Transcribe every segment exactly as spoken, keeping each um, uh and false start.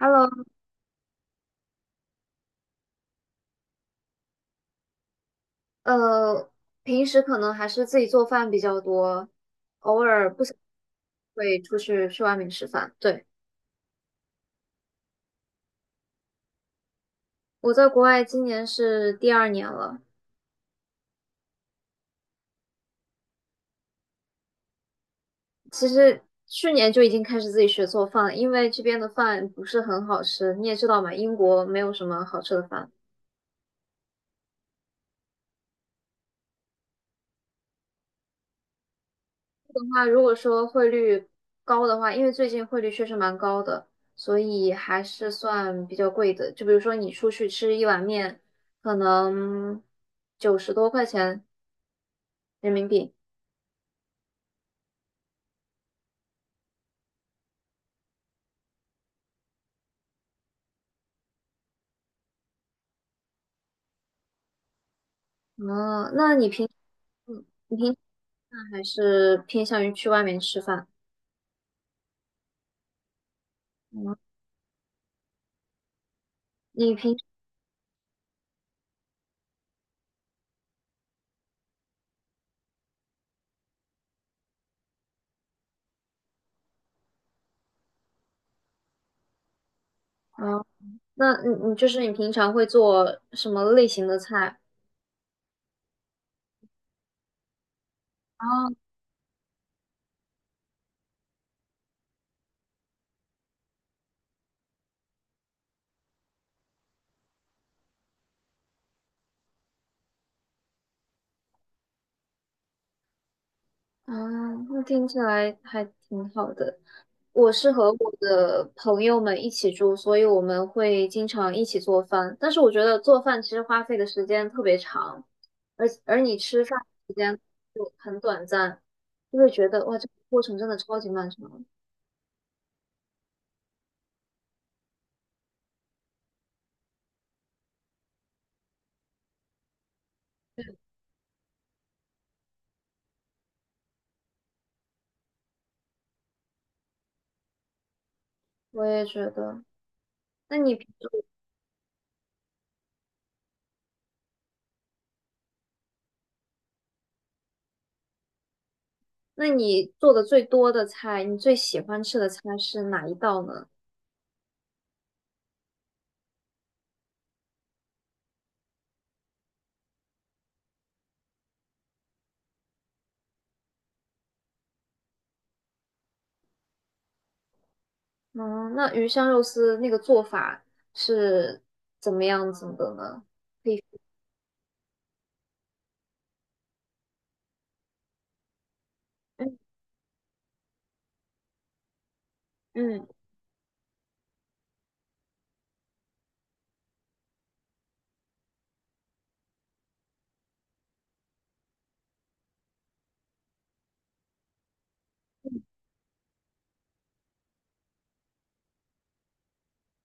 Hello，呃，平时可能还是自己做饭比较多，偶尔不想会出去去外面吃饭。对，我在国外今年是第二年了，其实去年就已经开始自己学做饭了，因为这边的饭不是很好吃，你也知道嘛，英国没有什么好吃的饭。的话，如果说汇率高的话，因为最近汇率确实蛮高的，所以还是算比较贵的。就比如说你出去吃一碗面，可能九十多块钱。人民币。哦，那你平，嗯你平常还是偏向于去外面吃饭？嗯，你平，哦，那你你就是你平常会做什么类型的菜？啊？啊，那听起来还挺好的。我是和我的朋友们一起住，所以我们会经常一起做饭。但是我觉得做饭其实花费的时间特别长，而而你吃饭时间就很短暂，就会觉得哇，这个过程真的超级漫长。我也觉得。那你平时那你做的最多的菜，你最喜欢吃的菜是哪一道呢？嗯，那鱼香肉丝那个做法是怎么样子的呢？可以，嗯嗯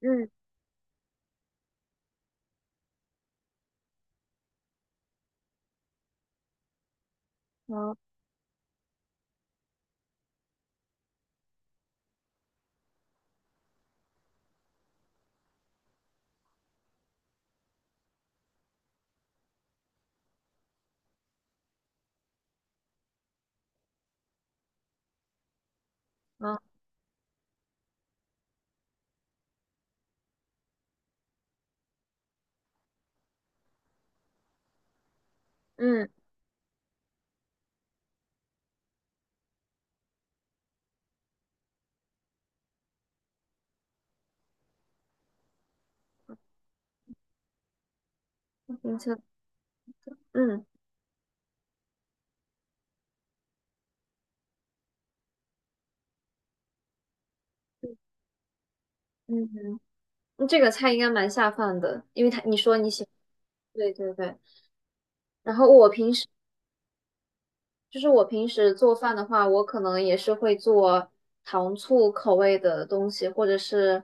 嗯，好好，嗯，明确，嗯嗯，嗯这个菜应该蛮下饭的，因为他你说你喜欢，对对对。然后我平时就是我平时做饭的话，我可能也是会做糖醋口味的东西，或者是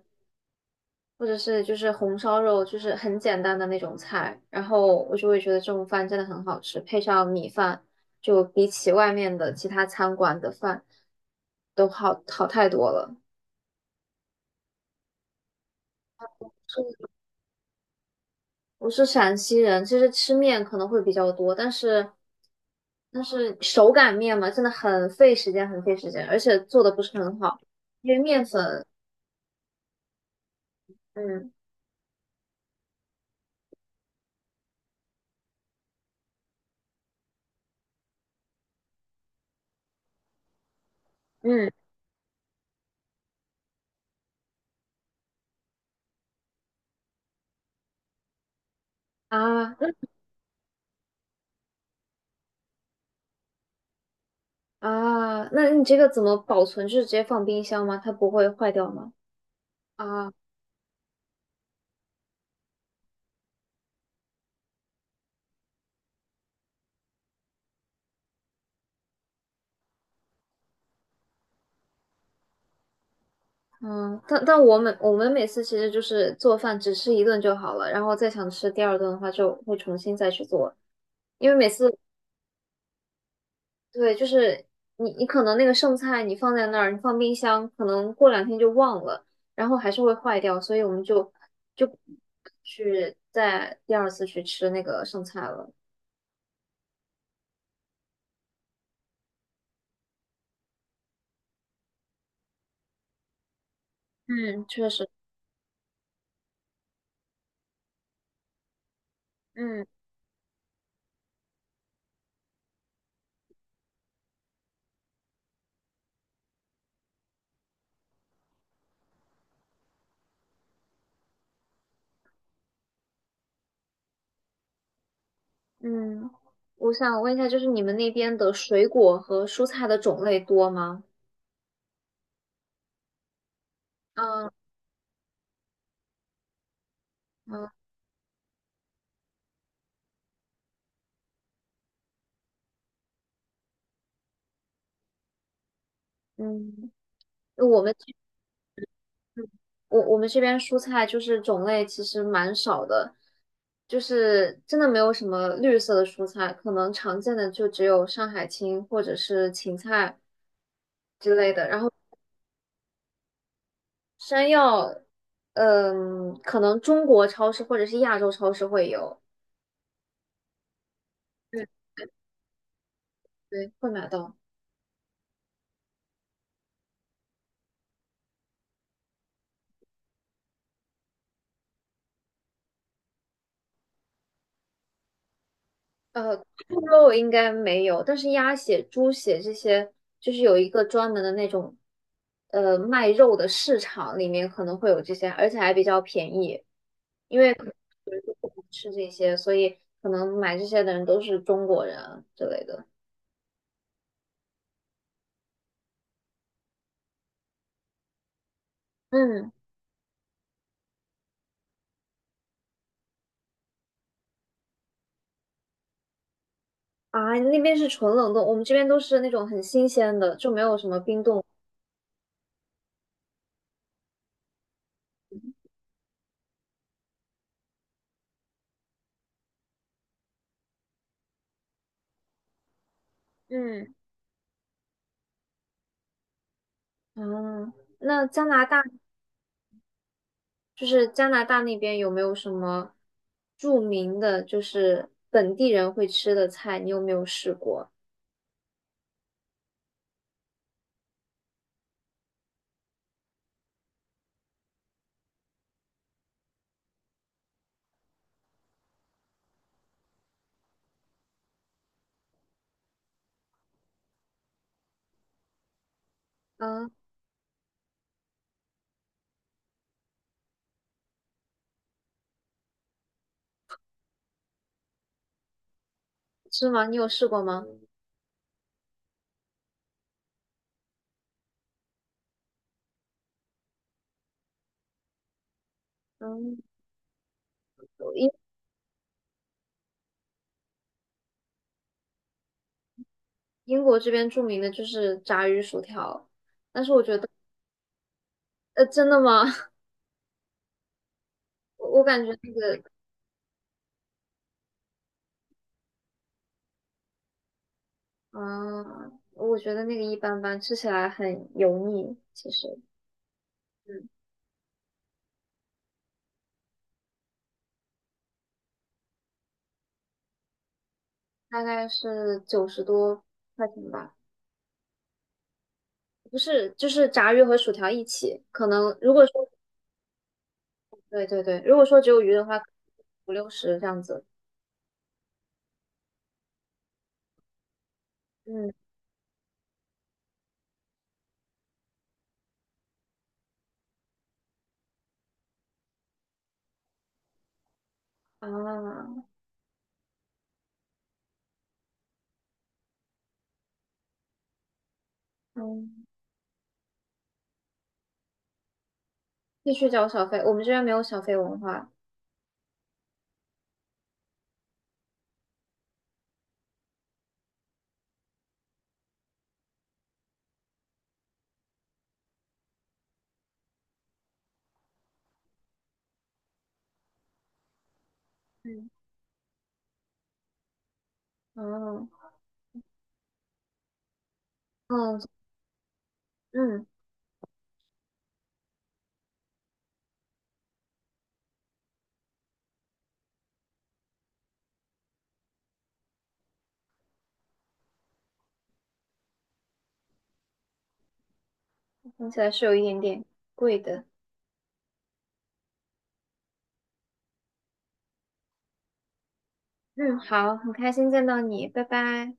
或者是就是红烧肉，就是很简单的那种菜，然后我就会觉得这种饭真的很好吃，配上米饭，就比起外面的其他餐馆的饭都好好太多了。我是陕西人，其实吃面可能会比较多，但是但是手擀面嘛，真的很费时间，很费时间，而且做的不是很好，因为面粉，嗯嗯啊啊，那你这个怎么保存？就是直接放冰箱吗？它不会坏掉吗？啊。嗯，但但我们我们每次其实就是做饭只吃一顿就好了，然后再想吃第二顿的话就会重新再去做，因为每次对，就是你你可能那个剩菜你放在那儿，你放冰箱，可能过两天就忘了，然后还是会坏掉，所以我们就就去再第二次去吃那个剩菜了。嗯，确实，嗯嗯，我想问一下，就是你们那边的水果和蔬菜的种类多吗？嗯嗯嗯，我们。我我们这边蔬菜就是种类其实蛮少的，就是真的没有什么绿色的蔬菜，可能常见的就只有上海青或者是芹菜之类的。然后山药，嗯，可能中国超市或者是亚洲超市会有，对对，会买到。呃，猪肉应该没有，但是鸭血、猪血这些，就是有一个专门的那种，呃，卖肉的市场里面可能会有这些，而且还比较便宜。因为可能有人就不敢吃这些，所以可能买这些的人都是中国人啊之类的。嗯，啊，那边是纯冷冻，我们这边都是那种很新鲜的，就没有什么冰冻。嗯，啊，那加拿大就是加拿大那边有没有什么著名的，就是本地人会吃的菜？你有没有试过？嗯，是吗？你有试过吗？嗯，英英国这边著名的就是炸鱼薯条。呃，真的吗？我我感觉那个啊，我觉得那个一般般，吃起来很油腻。其实，嗯，大概是九十多块钱吧。不是，就是炸鱼和薯条一起，可能如果说对对对，如果说只有鱼的话，五六十这样子。嗯啊，嗯，必须交小费，我们这边没有小费文化。嗯哦嗯嗯，听起来是有一点点贵的。嗯，好，很开心见到你，拜拜。